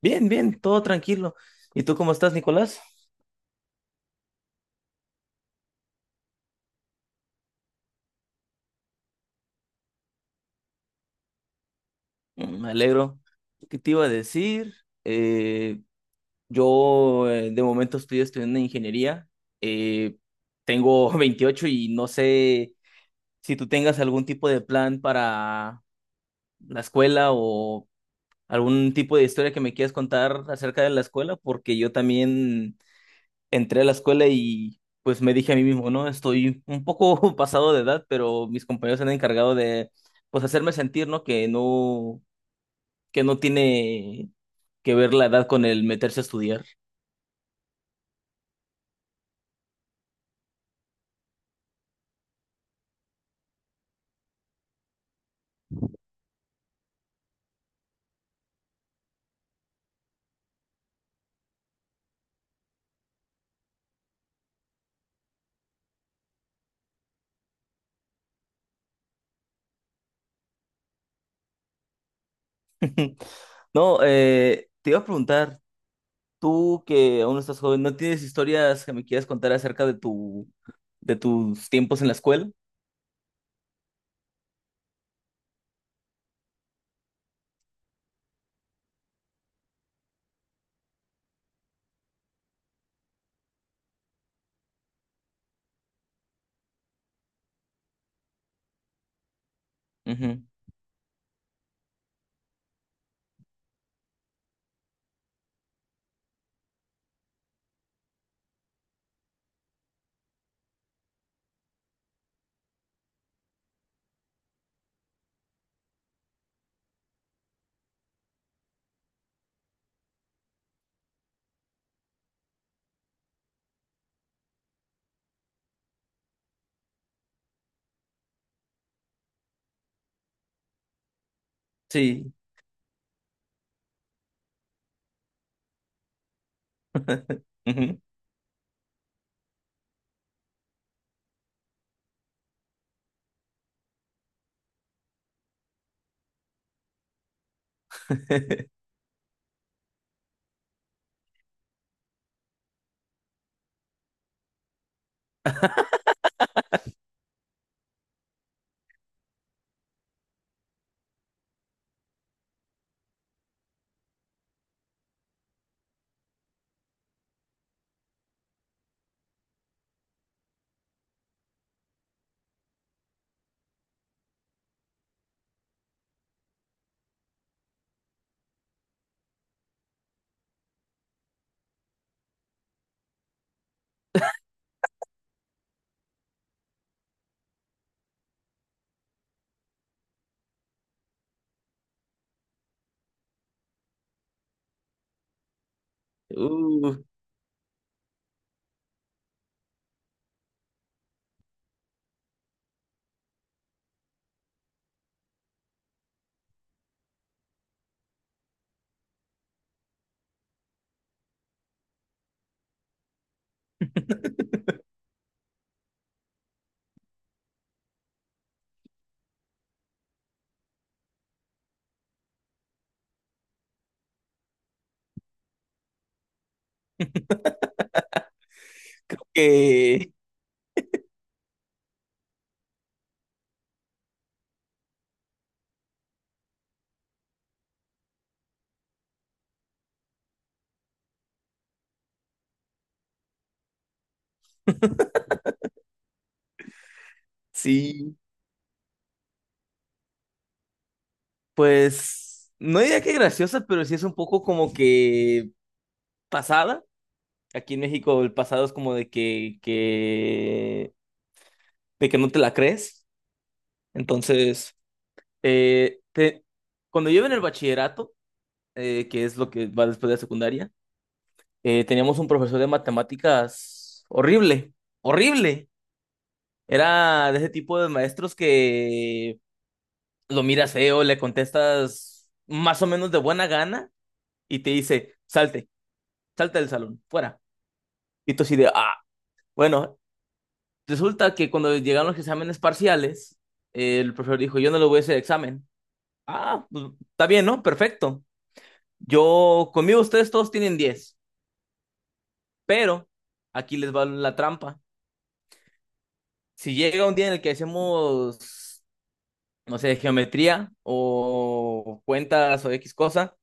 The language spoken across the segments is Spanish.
Bien, bien, todo tranquilo. ¿Y tú cómo estás, Nicolás? Me alegro. ¿Qué te iba a decir? Eh, yo de momento estoy estudiando ingeniería. Eh, Tengo 28 y no sé si tú tengas algún tipo de plan para la escuela o algún tipo de historia que me quieras contar acerca de la escuela, porque yo también entré a la escuela y pues me dije a mí mismo, no, estoy un poco pasado de edad, pero mis compañeros se han encargado de pues hacerme sentir, ¿no? Que no, que no tiene que ver la edad con el meterse a estudiar. No, te iba a preguntar, tú que aún no estás joven, ¿no tienes historias que me quieras contar acerca de tu, de tus tiempos en la escuela? Ujú. Sí. Ujú. Uh, ok. Sí. Pues no diría que graciosa, pero sí es un poco como que pasada. Aquí en México el pasado es como de que, de que no te la crees. Entonces, eh, te- cuando yo iba en el bachillerato, que es lo que va después de la secundaria, teníamos un profesor de matemáticas horrible, horrible. Era de ese tipo de maestros que lo miras feo, le contestas más o menos de buena gana y te dice, salte, salte del salón, fuera. Y tú así de, ah, bueno, resulta que cuando llegaron los exámenes parciales, el profesor dijo, yo no le voy a hacer examen. Ah, pues, está bien, ¿no? Perfecto. Yo, conmigo ustedes todos tienen diez, pero aquí les va la trampa. Si llega un día en el que hacemos, no sé, geometría o cuentas o X cosa,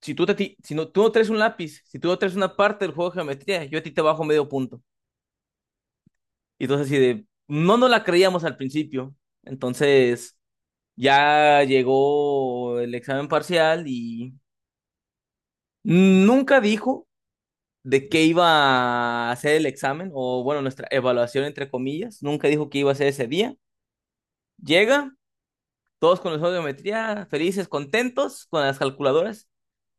si si no, tú no traes un lápiz, si tú no traes una parte del juego de geometría, yo a ti te bajo medio punto. Y entonces así de, no nos la creíamos al principio. Entonces, ya llegó el examen parcial y nunca dijo de qué iba a hacer el examen, o bueno, nuestra evaluación entre comillas, nunca dijo qué iba a hacer ese día. Llega, todos con el juego de geometría, felices, contentos con las calculadoras.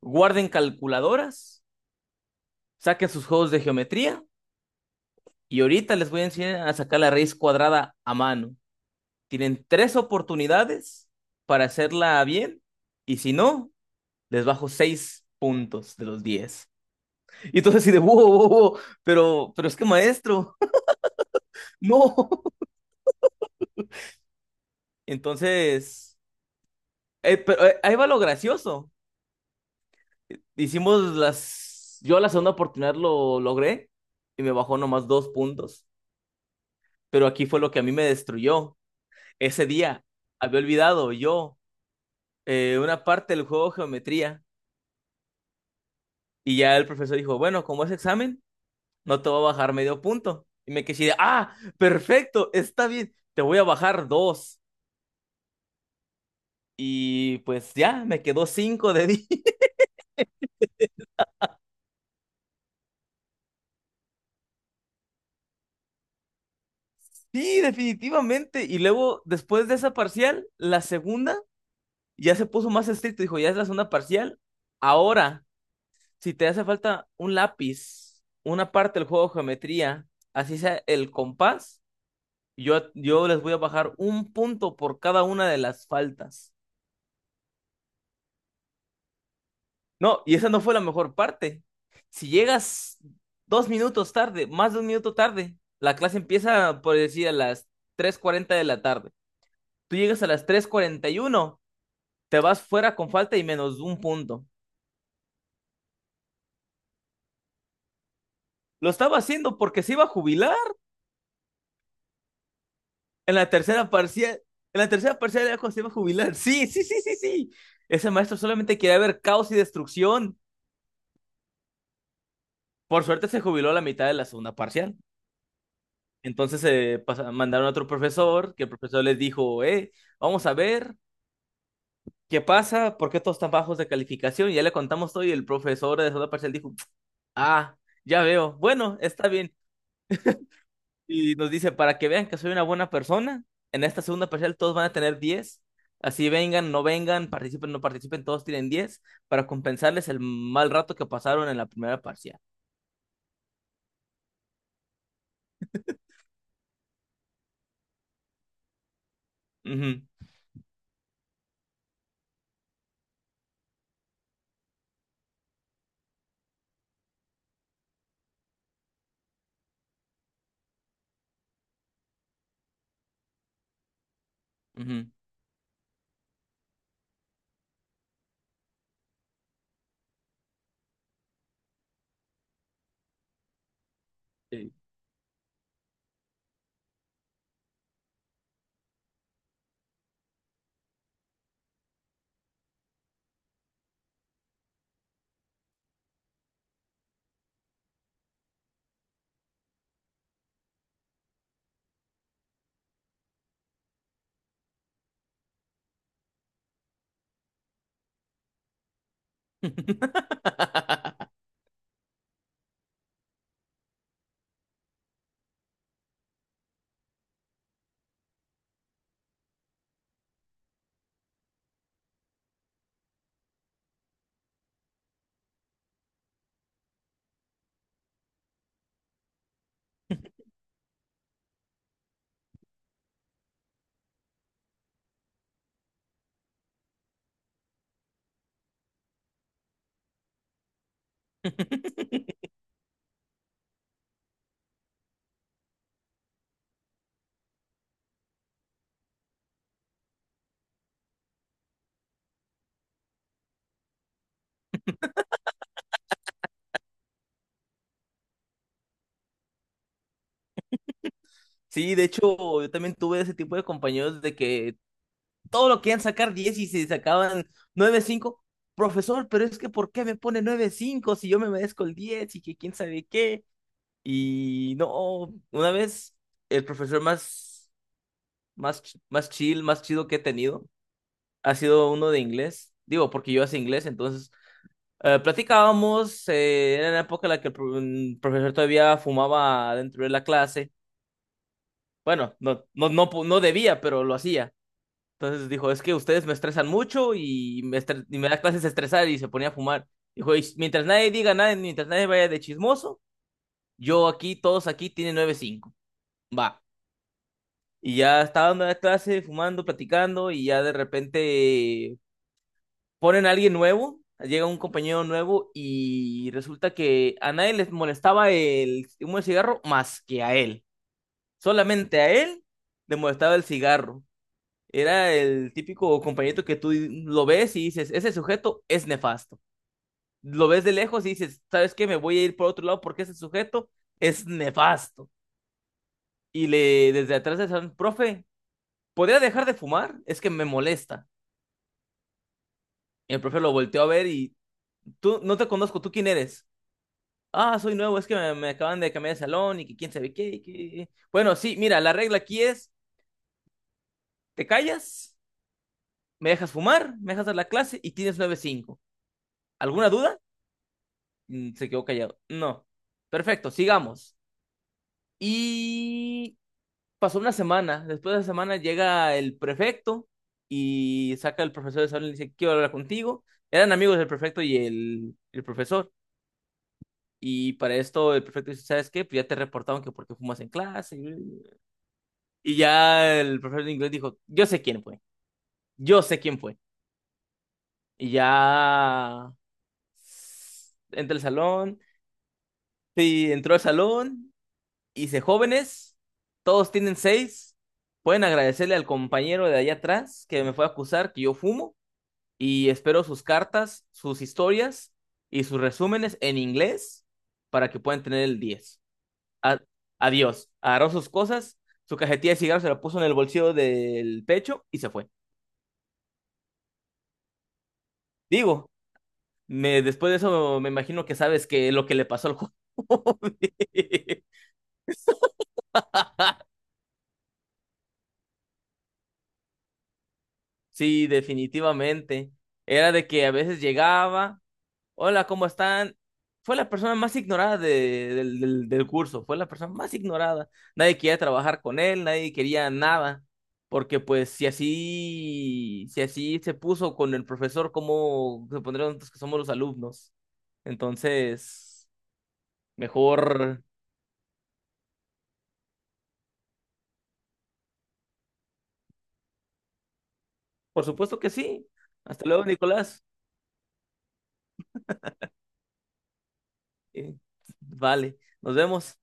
Guarden calculadoras, saquen sus juegos de geometría y ahorita les voy a enseñar a sacar la raíz cuadrada a mano. Tienen tres oportunidades para hacerla bien y si no, les bajo 6 puntos de los diez. Y entonces así de, wow, wow, wow, wow, pero es que maestro, no. Entonces, ahí va lo gracioso. Hicimos las, yo la segunda oportunidad lo logré y me bajó nomás dos puntos, pero aquí fue lo que a mí me destruyó. Ese día había olvidado yo una parte del juego de geometría y ya el profesor dijo, bueno, como es examen, no te voy a bajar medio punto. Y me quedé, de, ah, perfecto, está bien, te voy a bajar dos. Y pues ya, me quedó cinco de 10. Sí, definitivamente. Y luego, después de esa parcial, la segunda ya se puso más estricto. Dijo, ya es la segunda parcial. Ahora, si te hace falta un lápiz, una parte del juego de geometría, así sea el compás, yo les voy a bajar un punto por cada una de las faltas. No, y esa no fue la mejor parte. Si llegas dos minutos tarde, más de un minuto tarde, la clase empieza, por decir, a las tres cuarenta de la tarde. Tú llegas a las tres cuarenta y uno, te vas fuera con falta y menos un punto. Lo estaba haciendo porque se iba a jubilar en la tercera parcial. En la tercera parcial era cuando se iba a jubilar. Sí, sí, sí, sí, sí. Ese maestro solamente quería ver caos y destrucción. Por suerte se jubiló a la mitad de la segunda parcial. Entonces mandaron a otro profesor, que el profesor les dijo, vamos a ver qué pasa, por qué todos tan bajos de calificación. Y ya le contamos todo y el profesor de segunda parcial dijo, ah, ya veo, bueno, está bien. Y nos dice, para que vean que soy una buena persona, en esta segunda parcial todos van a tener diez. Así vengan, no vengan, participen, no participen, todos tienen 10 para compensarles el mal rato que pasaron en la primera parcial. Ujú, ujú, sí. Sí, de hecho, yo también tuve ese tipo de compañeros de que todo lo querían sacar 10 y se sacaban nueve cinco. Profesor, pero es que ¿por qué me pone nueve cinco si yo me merezco el 10 y que quién sabe qué? Y no, una vez el profesor más chill, más chido que he tenido ha sido uno de inglés. Digo, porque yo hacía inglés, entonces platicábamos, era la época en la que el profesor todavía fumaba dentro de la clase. Bueno, no debía, pero lo hacía. Entonces dijo, es que ustedes me estresan mucho y y me da clases estresadas y se ponía a fumar. Dijo, "Y mientras nadie diga nada, mientras nadie vaya de chismoso, yo aquí, todos aquí tienen nueve cinco. Va." Y ya estaba dando la clase, fumando, platicando y ya de repente ponen a alguien nuevo, llega un compañero nuevo y resulta que a nadie les molestaba el humo de cigarro más que a él. Solamente a él le molestaba el cigarro. Era el típico compañero que tú lo ves y dices, ese sujeto es nefasto. Lo ves de lejos y dices, ¿sabes qué? Me voy a ir por otro lado porque ese sujeto es nefasto. Y le desde atrás le dicen, profe, ¿podría dejar de fumar? Es que me molesta. Y el profe lo volteó a ver y tú no te conozco, ¿tú quién eres? Ah, soy nuevo, es que me acaban de cambiar de salón y que quién sabe qué, y que... Bueno, sí, mira, la regla aquí es, te callas, me dejas fumar, me dejas dar la clase y tienes nueve cinco. ¿Alguna duda? Mm. Se quedó callado. No. Perfecto, sigamos. Y pasó una semana. Después de la semana llega el prefecto y saca al profesor de salón y le dice, quiero hablar contigo. Eran amigos del prefecto y el profesor. Y para esto el prefecto dice, ¿sabes qué? Pues ya te reportaron que porque fumas en clase. Y ya el profesor de inglés dijo, yo sé quién fue. Yo sé quién fue. Y ya entra al salón. Sí, entró al salón. Hice jóvenes, todos tienen seis. Pueden agradecerle al compañero de allá atrás que me fue a acusar que yo fumo y espero sus cartas, sus historias y sus resúmenes en inglés para que puedan tener el diez. A- adiós. Agarró sus cosas, su cajetilla de cigarros se la puso en el bolsillo del pecho y se fue. Digo, después de eso me imagino que sabes que lo que le pasó al joven. Sí, definitivamente. Era de que a veces llegaba, hola, ¿cómo están? Fue la persona más ignorada del curso, fue la persona más ignorada. Nadie quería trabajar con él, nadie quería nada, porque pues si así, si así se puso con el profesor, ¿cómo se pondrían nosotros que somos los alumnos? Entonces, mejor, por supuesto que sí. Hasta luego, Nicolás. Eh, vale, nos vemos.